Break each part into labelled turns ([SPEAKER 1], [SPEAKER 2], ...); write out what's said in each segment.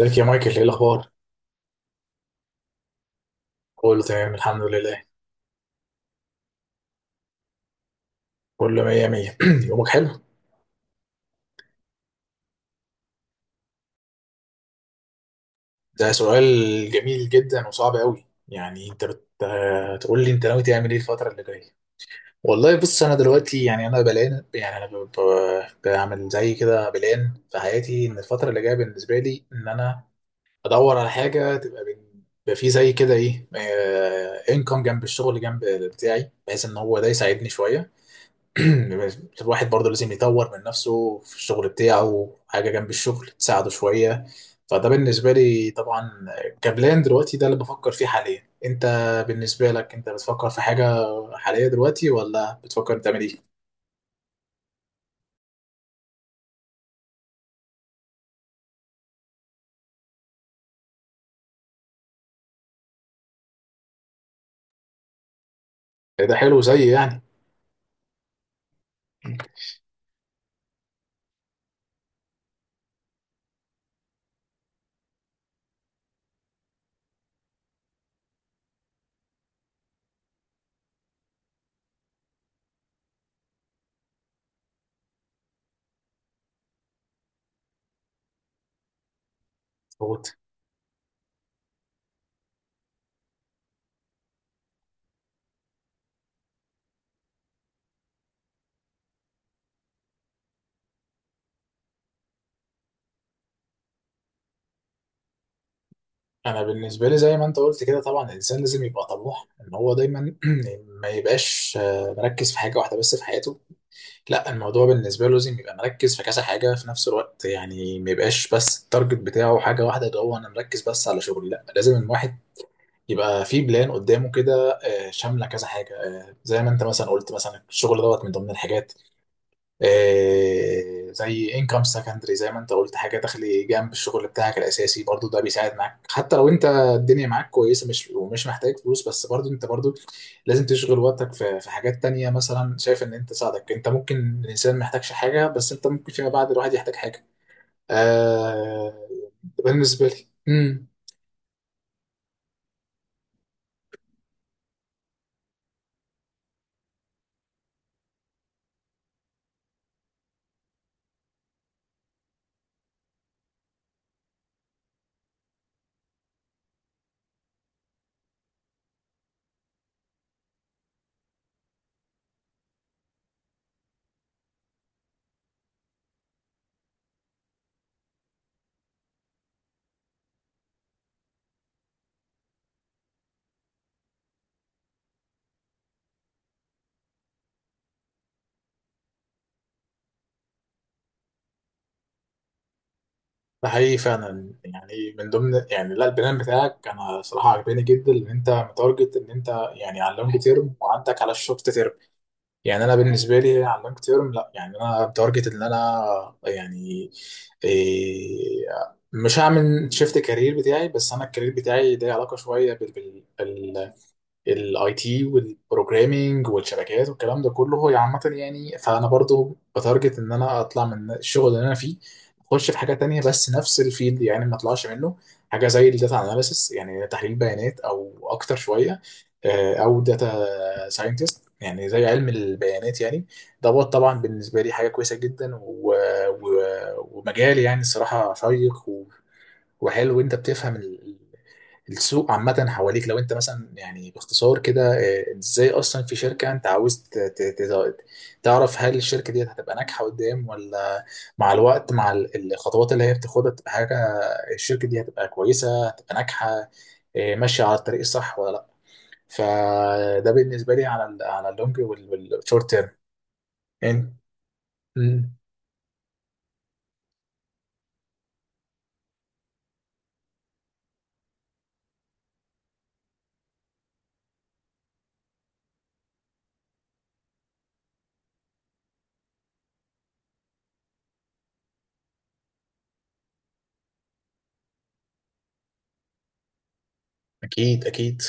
[SPEAKER 1] ازيك يا مايكل؟ ايه الاخبار؟ كله تمام الحمد لله. كله مية مية. يومك حلو. ده سؤال جميل جدا وصعب قوي. يعني انت تقول لي انت ناوي تعمل ايه الفتره اللي جايه؟ والله بص، انا دلوقتي يعني انا بلان، يعني انا بعمل زي كده بلان في حياتي، ان الفتره اللي جايه بالنسبه لي ان انا ادور على حاجه تبقى يبقى في زي كده ايه، انكم جنب الشغل جنب بتاعي، بحيث ان هو ده يساعدني شويه. الواحد برضه لازم يطور من نفسه في الشغل بتاعه، حاجة جنب الشغل تساعده شوية. فده بالنسبة لي طبعا كبلان دلوقتي، ده اللي بفكر فيه حاليا. انت بالنسبة لك، انت بتفكر في حاجة حالية دلوقتي ولا بتفكر تعمل ايه؟ ده حلو زي يعني. مظبوط. انا بالنسبه لي زي ما انت قلت كده، طبعا الانسان لازم يبقى طموح، ان هو دايما ما يبقاش مركز في حاجه واحده بس في حياته. لا، الموضوع بالنسبة له لازم يبقى مركز في كذا حاجة في نفس الوقت. يعني ما يبقاش بس التارجت بتاعه حاجة واحدة، اللي هو أنا مركز بس على شغلي. لا، لازم الواحد يبقى في بلان قدامه كده، شاملة كذا حاجة. زي ما أنت مثلا قلت، مثلا الشغل دوت من ضمن الحاجات. زي انكم سكندري، زي ما انت قلت حاجه تخلي جنب الشغل بتاعك الاساسي. برضو ده بيساعد معاك، حتى لو انت الدنيا معاك كويسه، مش ومش محتاج فلوس، بس برضو انت برضو لازم تشغل وقتك في حاجات تانية. مثلا شايف ان انت تساعدك، انت ممكن الانسان ما يحتاجش حاجه، بس انت ممكن فيما بعد الواحد يحتاج حاجه. آه بالنسبه لي ده حقيقي فعلا. يعني من ضمن يعني، لا، البلان بتاعك انا صراحه عجباني جدا، ان انت متارجت ان انت يعني على اللونج تيرم، وعندك على الشورت تيرم. يعني انا بالنسبه لي على اللونج تيرم، لا يعني انا بتارجت ان انا يعني إيه، مش هعمل شيفت كارير بتاعي. بس انا الكارير بتاعي ليه علاقه شويه بالاي تي والبروجرامينج والشبكات والكلام ده كله هو عامه. يعني فانا برضو بتارجت ان انا اطلع من الشغل اللي انا فيه، اخش في حاجه تانية بس نفس الفيلد، يعني ما اطلعش منه، حاجه زي الداتا اناليسس، يعني تحليل بيانات، او اكتر شويه او data ساينتست، يعني زي علم البيانات يعني، دوت. طبعا بالنسبه لي حاجه كويسه جدا و... ومجال يعني الصراحه شيق وحلو. وانت بتفهم السوق عامه حواليك. لو انت مثلا يعني باختصار كده، ازاي اصلا في شركه انت عاوز تعرف هل الشركه دي هتبقى ناجحه قدام، ولا مع الوقت مع الخطوات اللي هي بتاخدها تبقى حاجه الشركه دي هتبقى كويسه، هتبقى ناجحه ماشيه على الطريق الصح ولا لا. فده بالنسبه لي على ال على اللونج والشورت تيرم يعني. مم. اكيد اكيد.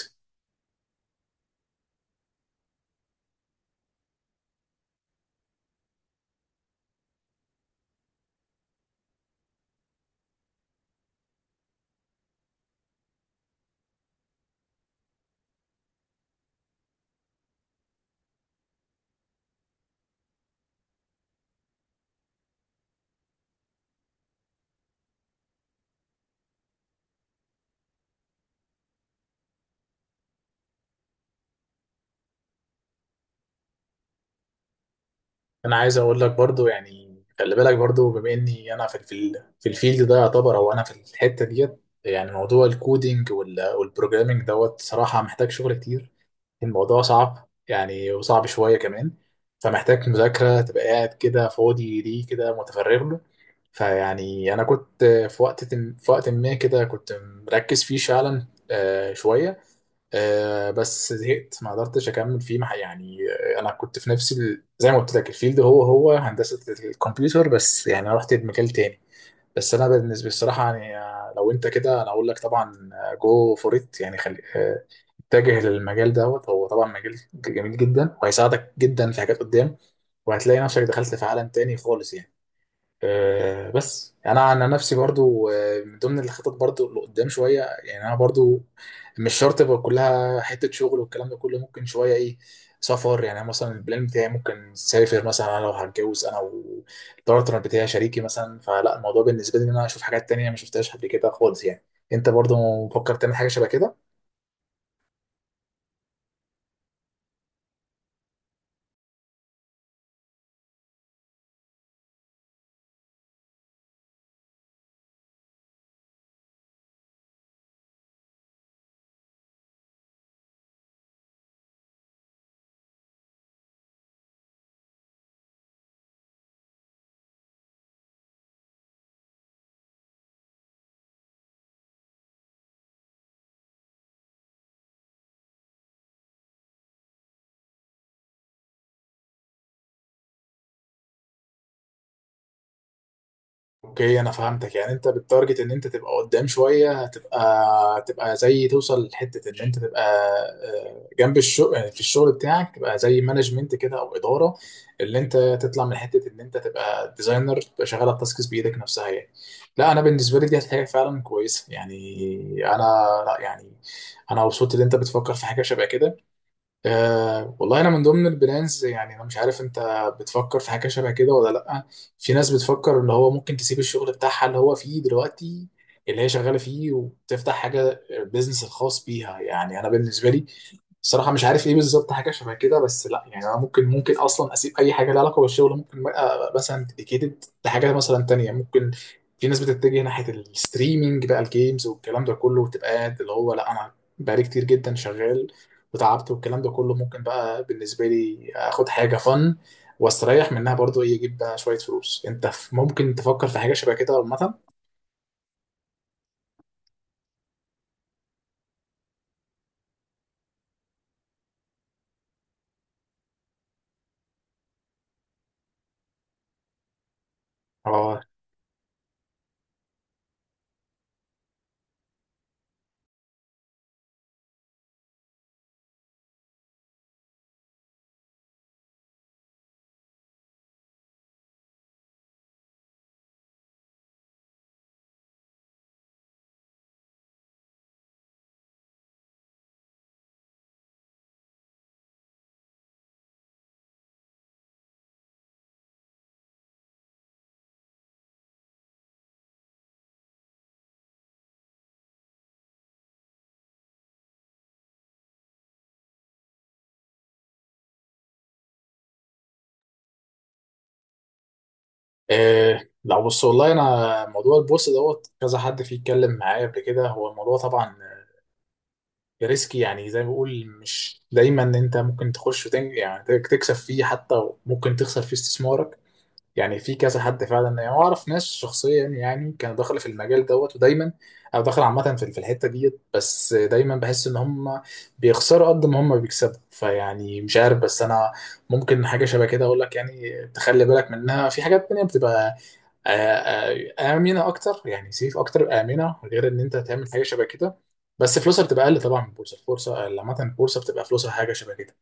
[SPEAKER 1] انا عايز اقول لك برضو يعني، خلي بالك برضو بما اني انا في الفيلد ده يعتبر، او انا في الحته ديت، يعني موضوع الكودينج والبروجرامينج دوت صراحه محتاج شغل كتير. الموضوع صعب يعني، وصعب شوية كمان. فمحتاج مذاكرة، تبقى قاعد كده فاضي ليه، كده متفرغ له. فيعني أنا كنت في وقت ما كده كنت مركز فيه فعلا شوية. بس زهقت، ما قدرتش أكمل فيه يعني أنا كنت في نفس زي ما قلت لك الفيلد هو هندسة الكمبيوتر، بس يعني أنا رحت مجال تاني. بس انا بالنسبه الصراحه يعني، لو انت كده انا اقول لك طبعا جو فور ات، يعني خلي اتجه للمجال دوت. هو طبعا مجال جميل جدا وهيساعدك جدا في حاجات قدام، وهتلاقي نفسك دخلت في عالم تاني خالص يعني. بس انا عن نفسي برضو، من ضمن الخطط برضو اللي قدام شويه، يعني انا برضو مش شرط يبقى كلها حته شغل والكلام ده كله، ممكن شويه ايه سفر. يعني أنا مثلا البلان بتاعي ممكن سافر مثلا انا لو هتجوز انا والبارتنر بتاعي شريكي مثلا، فلا الموضوع بالنسبه لي ان انا اشوف حاجات تانية ما شفتهاش قبل كده خالص يعني. انت برضو مفكر تعمل حاجه شبه كده؟ اوكي، انا فهمتك. يعني انت بالتارجت ان انت تبقى قدام شويه، هتبقى زي توصل لحته ان انت تبقى جنب الشغل في الشغل بتاعك تبقى زي مانجمنت كده او اداره، اللي انت تطلع من حته ان انت تبقى ديزاينر تبقى شغال على التاسكس بايدك نفسها يعني. لا، انا بالنسبه لي دي حاجه فعلا كويسه يعني. انا، لا يعني، انا مبسوط ان انت بتفكر في حاجه شبه كده. أه والله، انا من ضمن البلانز. يعني انا مش عارف انت بتفكر في حاجه شبه كده ولا لا. في ناس بتفكر ان هو ممكن تسيب الشغل بتاعها اللي هو فيه دلوقتي، اللي هي شغاله فيه، وتفتح حاجه البيزنس الخاص بيها. يعني انا بالنسبه لي الصراحة مش عارف ايه بالظبط حاجة شبه كده، بس لا يعني انا ممكن اصلا اسيب اي حاجة لها علاقة بالشغل، ممكن بقى مثلا ديديكيتد لحاجة مثلا تانية ممكن. في ناس بتتجه ناحية الستريمينج بقى الجيمز والكلام ده كله، وتبقى قاعد اللي هو لا انا بقالي كتير جدا شغال وتعبت والكلام ده كله. ممكن بقى بالنسبة لي اخد حاجة فن واستريح منها، برضو ايه اجيب بقى شوية فلوس. انت ممكن تفكر في حاجة شبه كده عامة؟ آه، إيه لو بص، والله انا موضوع البورصه دوت كذا حد فيه اتكلم معايا قبل كده. هو الموضوع طبعا ريسكي يعني، زي ما بقول مش دايما ان انت ممكن تخش وتنج يعني تكسب فيه، حتى ممكن تخسر فيه استثمارك. يعني في كذا حد فعلا، يعني اعرف ناس شخصيا يعني كانوا داخل في المجال دوت ودايما، او داخل عامه في الحته ديت، بس دايما بحس ان هم بيخسروا قد ما هم بيكسبوا. فيعني مش عارف، بس انا ممكن حاجه شبه كده اقول لك يعني تخلي بالك منها، في حاجات تانية بتبقى آه، آمنة أكتر يعني سيف أكتر، آمنة غير إن أنت تعمل حاجة شبه كده، بس فلوسها بتبقى أقل طبعا من البورصة. البورصة عامة البورصة بتبقى فلوسها حاجة شبه كده.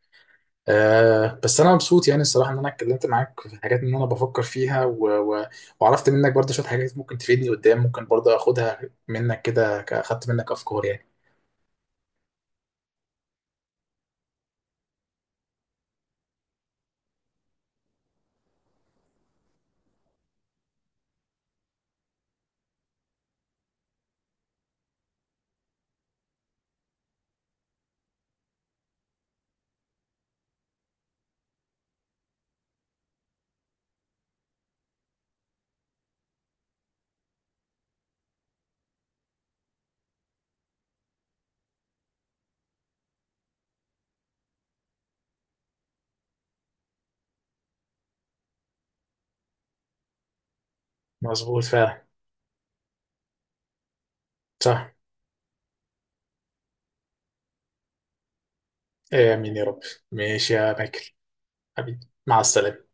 [SPEAKER 1] بس أنا مبسوط يعني الصراحة، إن أنا اتكلمت معاك في حاجات إن أنا بفكر فيها و... وعرفت منك برضه شوية حاجات ممكن تفيدني قدام. ممكن برضه أخدها منك كده، أخدت منك أفكار يعني. مظبوط فعلا. صح. آمين يا رب. ماشي يا مايكل حبيبي. مع السلامة.